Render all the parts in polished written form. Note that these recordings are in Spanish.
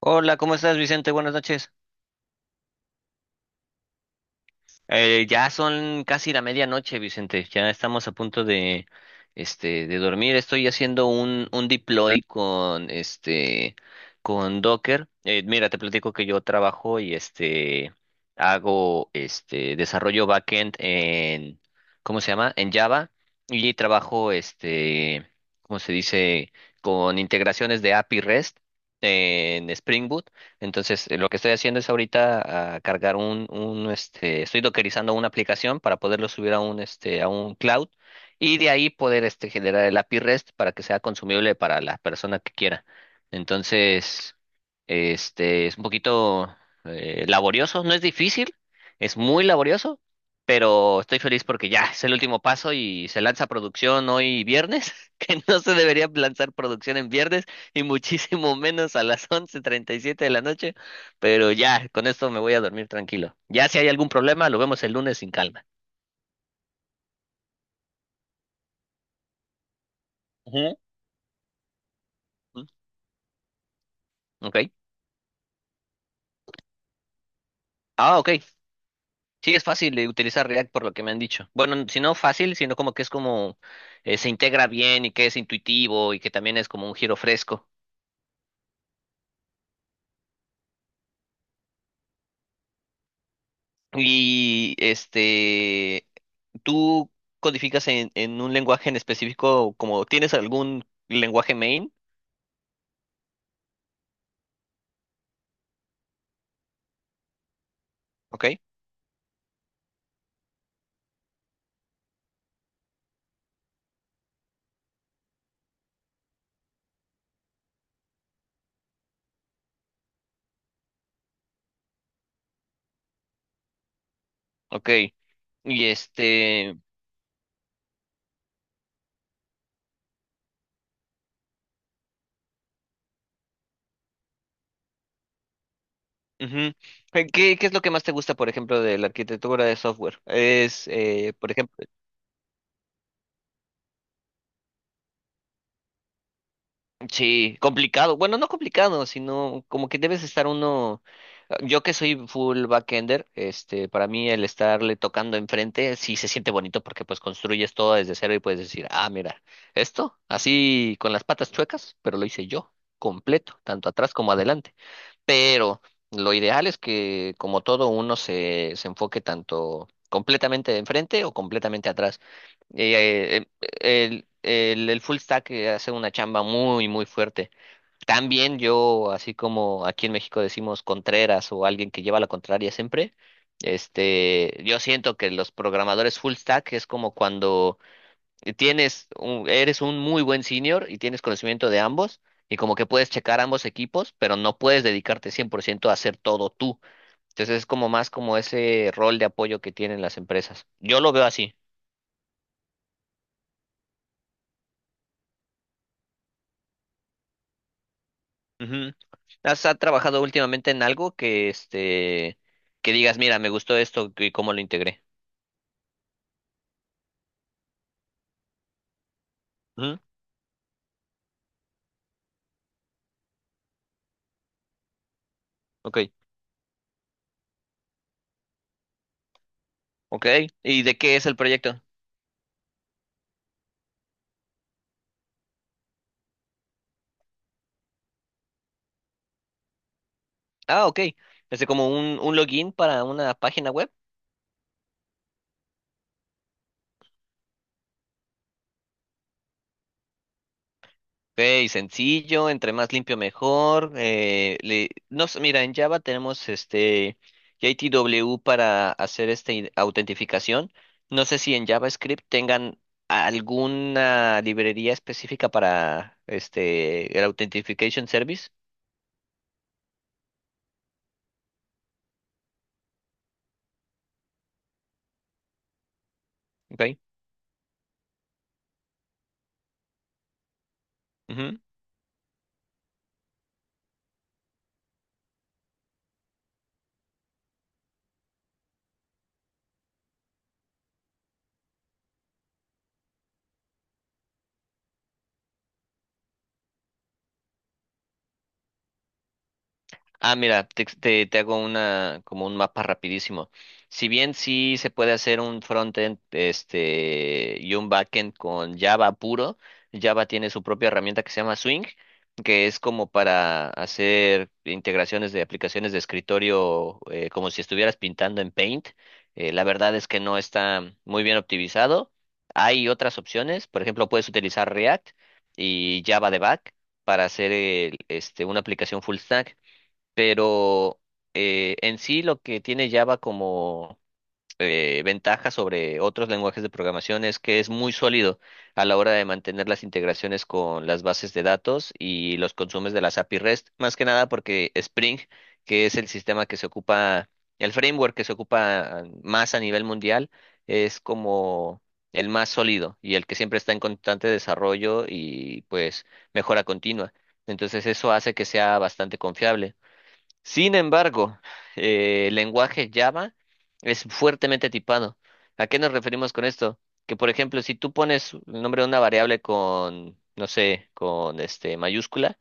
Hola, ¿cómo estás, Vicente? Buenas noches. Ya son casi la medianoche, Vicente. Ya estamos a punto de dormir. Estoy haciendo un deploy con Docker. Mira, te platico que yo trabajo y, hago, desarrollo backend en, ¿cómo se llama? En Java. Y trabajo, ¿cómo se dice? Con integraciones de API REST en Spring Boot. Entonces, lo que estoy haciendo es ahorita cargar estoy dockerizando una aplicación para poderlo subir a un cloud y de ahí poder, generar el API REST para que sea consumible para la persona que quiera. Entonces, es un poquito laborioso, no es difícil, es muy laborioso, pero estoy feliz porque ya es el último paso y se lanza producción hoy viernes, que no se debería lanzar producción en viernes y muchísimo menos a las 11:37 de la noche, pero ya, con esto me voy a dormir tranquilo. Ya si hay algún problema, lo vemos el lunes sin calma. Ujú. ¿Mm? ¿Ok? Ah, ok. Sí, es fácil de utilizar React por lo que me han dicho. Bueno, si no fácil, sino como que es como, se integra bien y que es intuitivo y que también es como un giro fresco. Y ¿tú codificas en un lenguaje en específico, como tienes algún lenguaje main? Ok, ok. Y Ujú. ¿Qué es lo que más te gusta, por ejemplo, de la arquitectura de software? Es, por ejemplo, sí, complicado. Bueno, no complicado, sino como que debes estar uno. Yo que soy full backender, para mí el estarle tocando enfrente sí se siente bonito porque pues construyes todo desde cero y puedes decir, ah, mira, esto así con las patas chuecas, pero lo hice yo, completo, tanto atrás como adelante. Pero lo ideal es que como todo uno se enfoque tanto completamente de enfrente o completamente atrás. Eh, eh, el full stack hace una chamba muy, muy fuerte. También yo, así como aquí en México decimos contreras o alguien que lleva la contraria siempre, yo siento que los programadores full stack es como cuando, eres un muy buen senior y tienes conocimiento de ambos y como que puedes checar ambos equipos, pero no puedes dedicarte 100% a hacer todo tú. Entonces es como más como ese rol de apoyo que tienen las empresas. Yo lo veo así. Ujú. ¿Has ha trabajado últimamente en algo que digas, mira, me gustó esto y cómo lo integré? Ujú. Ok, ok. ¿Y de qué es el proyecto? Ah, ok. Es como un login para una página web. Ok, sencillo, entre más limpio mejor. No sé, mira, en Java tenemos JTW para hacer esta autentificación. No sé si en JavaScript tengan alguna librería específica para el Authentication Service. Ok. Ah, mira, te hago una como un mapa rapidísimo. Si bien sí se puede hacer un frontend y un backend con Java puro, Java tiene su propia herramienta que se llama Swing, que es como para hacer integraciones de aplicaciones de escritorio, como si estuvieras pintando en Paint. La verdad es que no está muy bien optimizado. Hay otras opciones, por ejemplo, puedes utilizar React y Java de back para hacer una aplicación full stack, pero en sí lo que tiene Java como ventaja sobre otros lenguajes de programación es que es muy sólido a la hora de mantener las integraciones con las bases de datos y los consumos de las API REST, más que nada porque Spring, que es el sistema que se ocupa, el framework que se ocupa más a nivel mundial, es como el más sólido y el que siempre está en constante desarrollo y pues mejora continua. Entonces eso hace que sea bastante confiable. Sin embargo, el lenguaje Java es fuertemente tipado. ¿A qué nos referimos con esto? Que, por ejemplo, si tú pones el nombre de una variable con, no sé, con mayúscula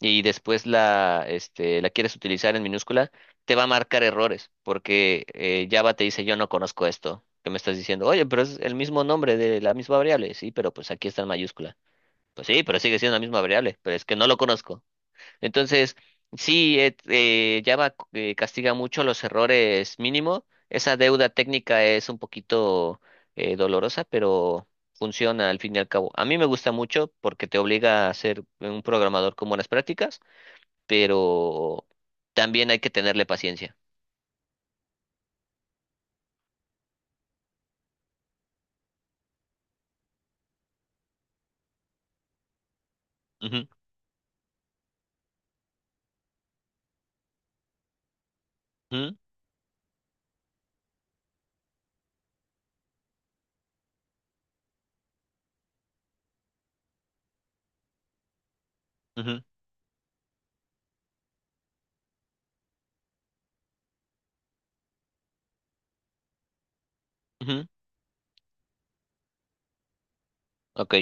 y después la quieres utilizar en minúscula, te va a marcar errores porque Java te dice yo no conozco esto. ¿Que me estás diciendo? Oye, pero es el mismo nombre de la misma variable. Sí, pero pues aquí está en mayúscula. Pues sí, pero sigue siendo la misma variable, pero es que no lo conozco. Entonces, sí, Java castiga mucho los errores mínimo. Esa deuda técnica es un poquito dolorosa, pero funciona al fin y al cabo. A mí me gusta mucho porque te obliga a ser un programador con buenas prácticas, pero también hay que tenerle paciencia. Ujú, ujú, ujú, ujú. Ok.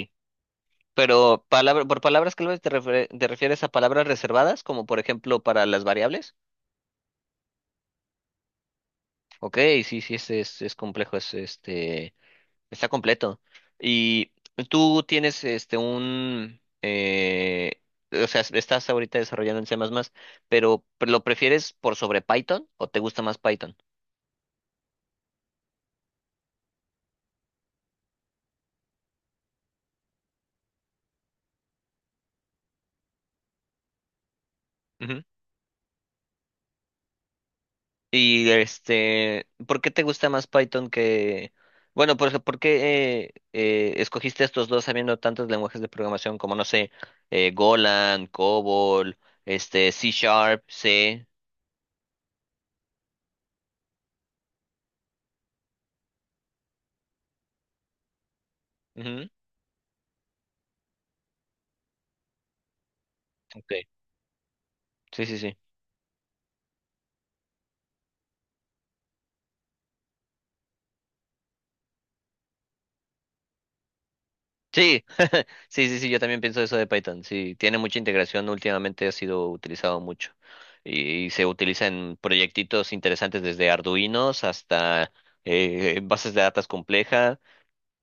Pero por palabras clave te refieres a palabras reservadas, como por ejemplo para las variables. Ok, sí, sí, es, es complejo, es este. Está completo. Y tú tienes un, o sea, estás ahorita desarrollando en C++, pero ¿lo prefieres por sobre Python o te gusta más Python? Ujú. Y ¿por qué te gusta más Python que bueno, por ejemplo, ¿por qué escogiste estos dos sabiendo tantos lenguajes de programación como no sé, Golang, COBOL, C Sharp, C? Ujú. Ok. Sí, sí, sí. Sí, sí, sí, sí, yo también pienso eso de Python. Sí, tiene mucha integración, últimamente ha sido utilizado mucho y, se utiliza en proyectitos interesantes desde Arduinos hasta bases de datos complejas,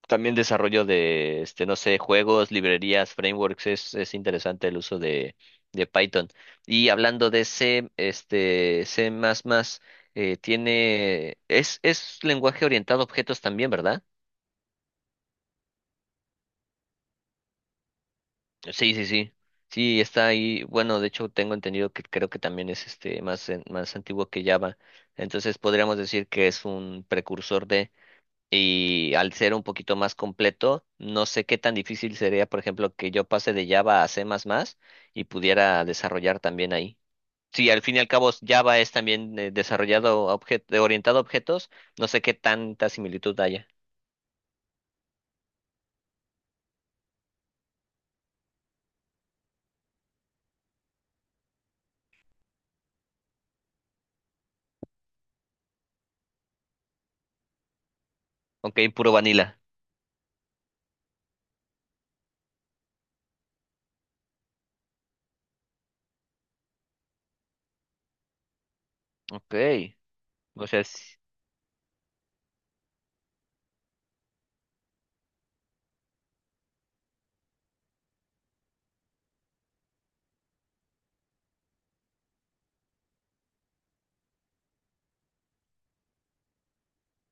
también desarrollo de, no sé, juegos, librerías, frameworks, es interesante el uso de Python. Y hablando de C++, es lenguaje orientado a objetos también, ¿verdad? Sí, sí, sí. Sí, está ahí. Bueno, de hecho tengo entendido que creo que también es más antiguo que Java. Entonces podríamos decir que es un precursor de, y al ser un poquito más completo, no sé qué tan difícil sería, por ejemplo, que yo pase de Java a C++ y pudiera desarrollar también ahbién ahí. Sí, al fin y al cabo Java es también desarrollado orientado a objetos, no sé qué tanta similitud haya. Ok, puro vanilla. Ok. O sea, sí.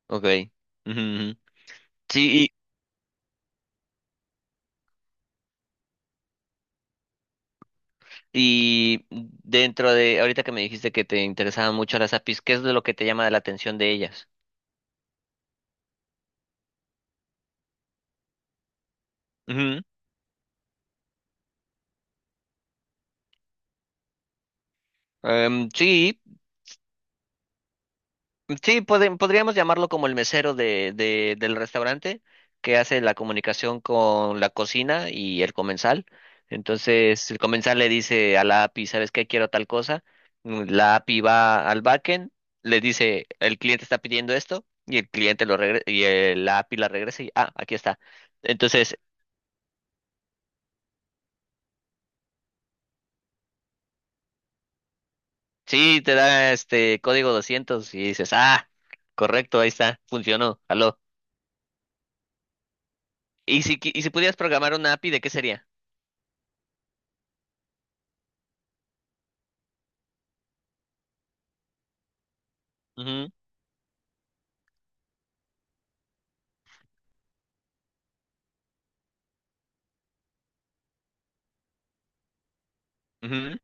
Ok. Ujú, ujú. Sí, y dentro de, ahorita que me dijiste que te interesaban mucho las APIs, ¿qué es de lo que te llama la atención de ellas? Ujú. Sí, sí, podríamos llamarlo como el mesero de, del restaurante que hace la comunicación con la cocina y el comensal. Entonces, el comensal le dice a la API, ¿sabes qué? Quiero tal cosa. La API va al backend, le dice, el cliente está pidiendo esto y el cliente lo la API la regresa y, aquí está. Entonces, sí, te da código 200 y dices, ah, correcto, ahí está, funcionó, aló. ¿Y si pudieras programar una API, ¿de qué sería? Ujú, ujú.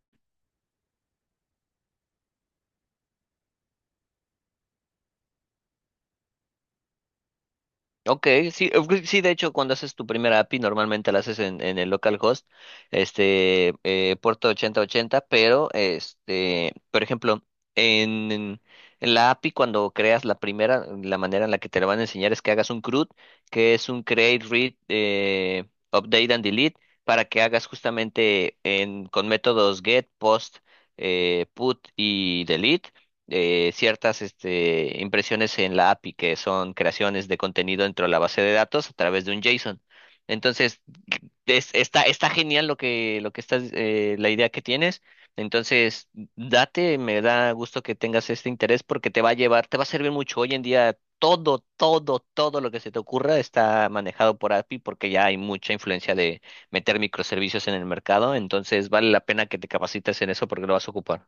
Ok, sí, pues sí, de hecho, cuando haces tu primera API, normalmente la haces en el localhost, puerto 8080, pero, por ejemplo, en, en en la API, cuando creas la primera, la manera en la que te la van a enseñar es que hagas un CRUD, que es un create, read, update and delete, para que hagas justamente con métodos get, post, put y delete ciertas impresiones en la API, que son creaciones de contenido dentro de la base de datos a través de un JSON. Entonces, está genial lo que la idea que tienes. Entonces, date, me da gusto que tengas este interés porque te va a llevar, te va a servir mucho. Hoy en día, todo lo que se te ocurra está manejado por API porque ya hay mucha influencia de meter microservicios en el mercado. Entonces, vale la pena que te capacites en eso porque lo vas a ocupar.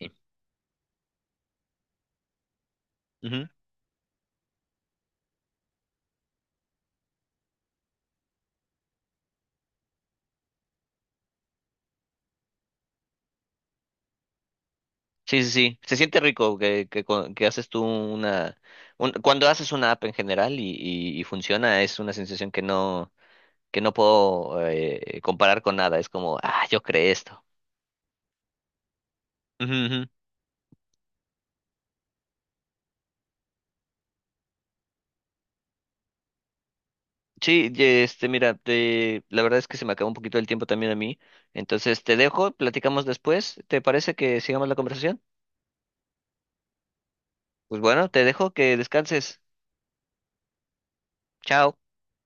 Sí. Ujú. Sí, sí, sí. Se siente rico que haces tú una... Cuando haces una app en general y funciona, es una sensación que no puedo comparar con nada. Es como, ah, yo creé esto. Ujú, ujú. Sí, y, mira, la verdad es que se me acabó un poquito el tiempo también a mí. Entonces te dejo, platicamos después. ¿Te parece que sigamos la conversación? Pues bueno, te dejo que descanses. Chao.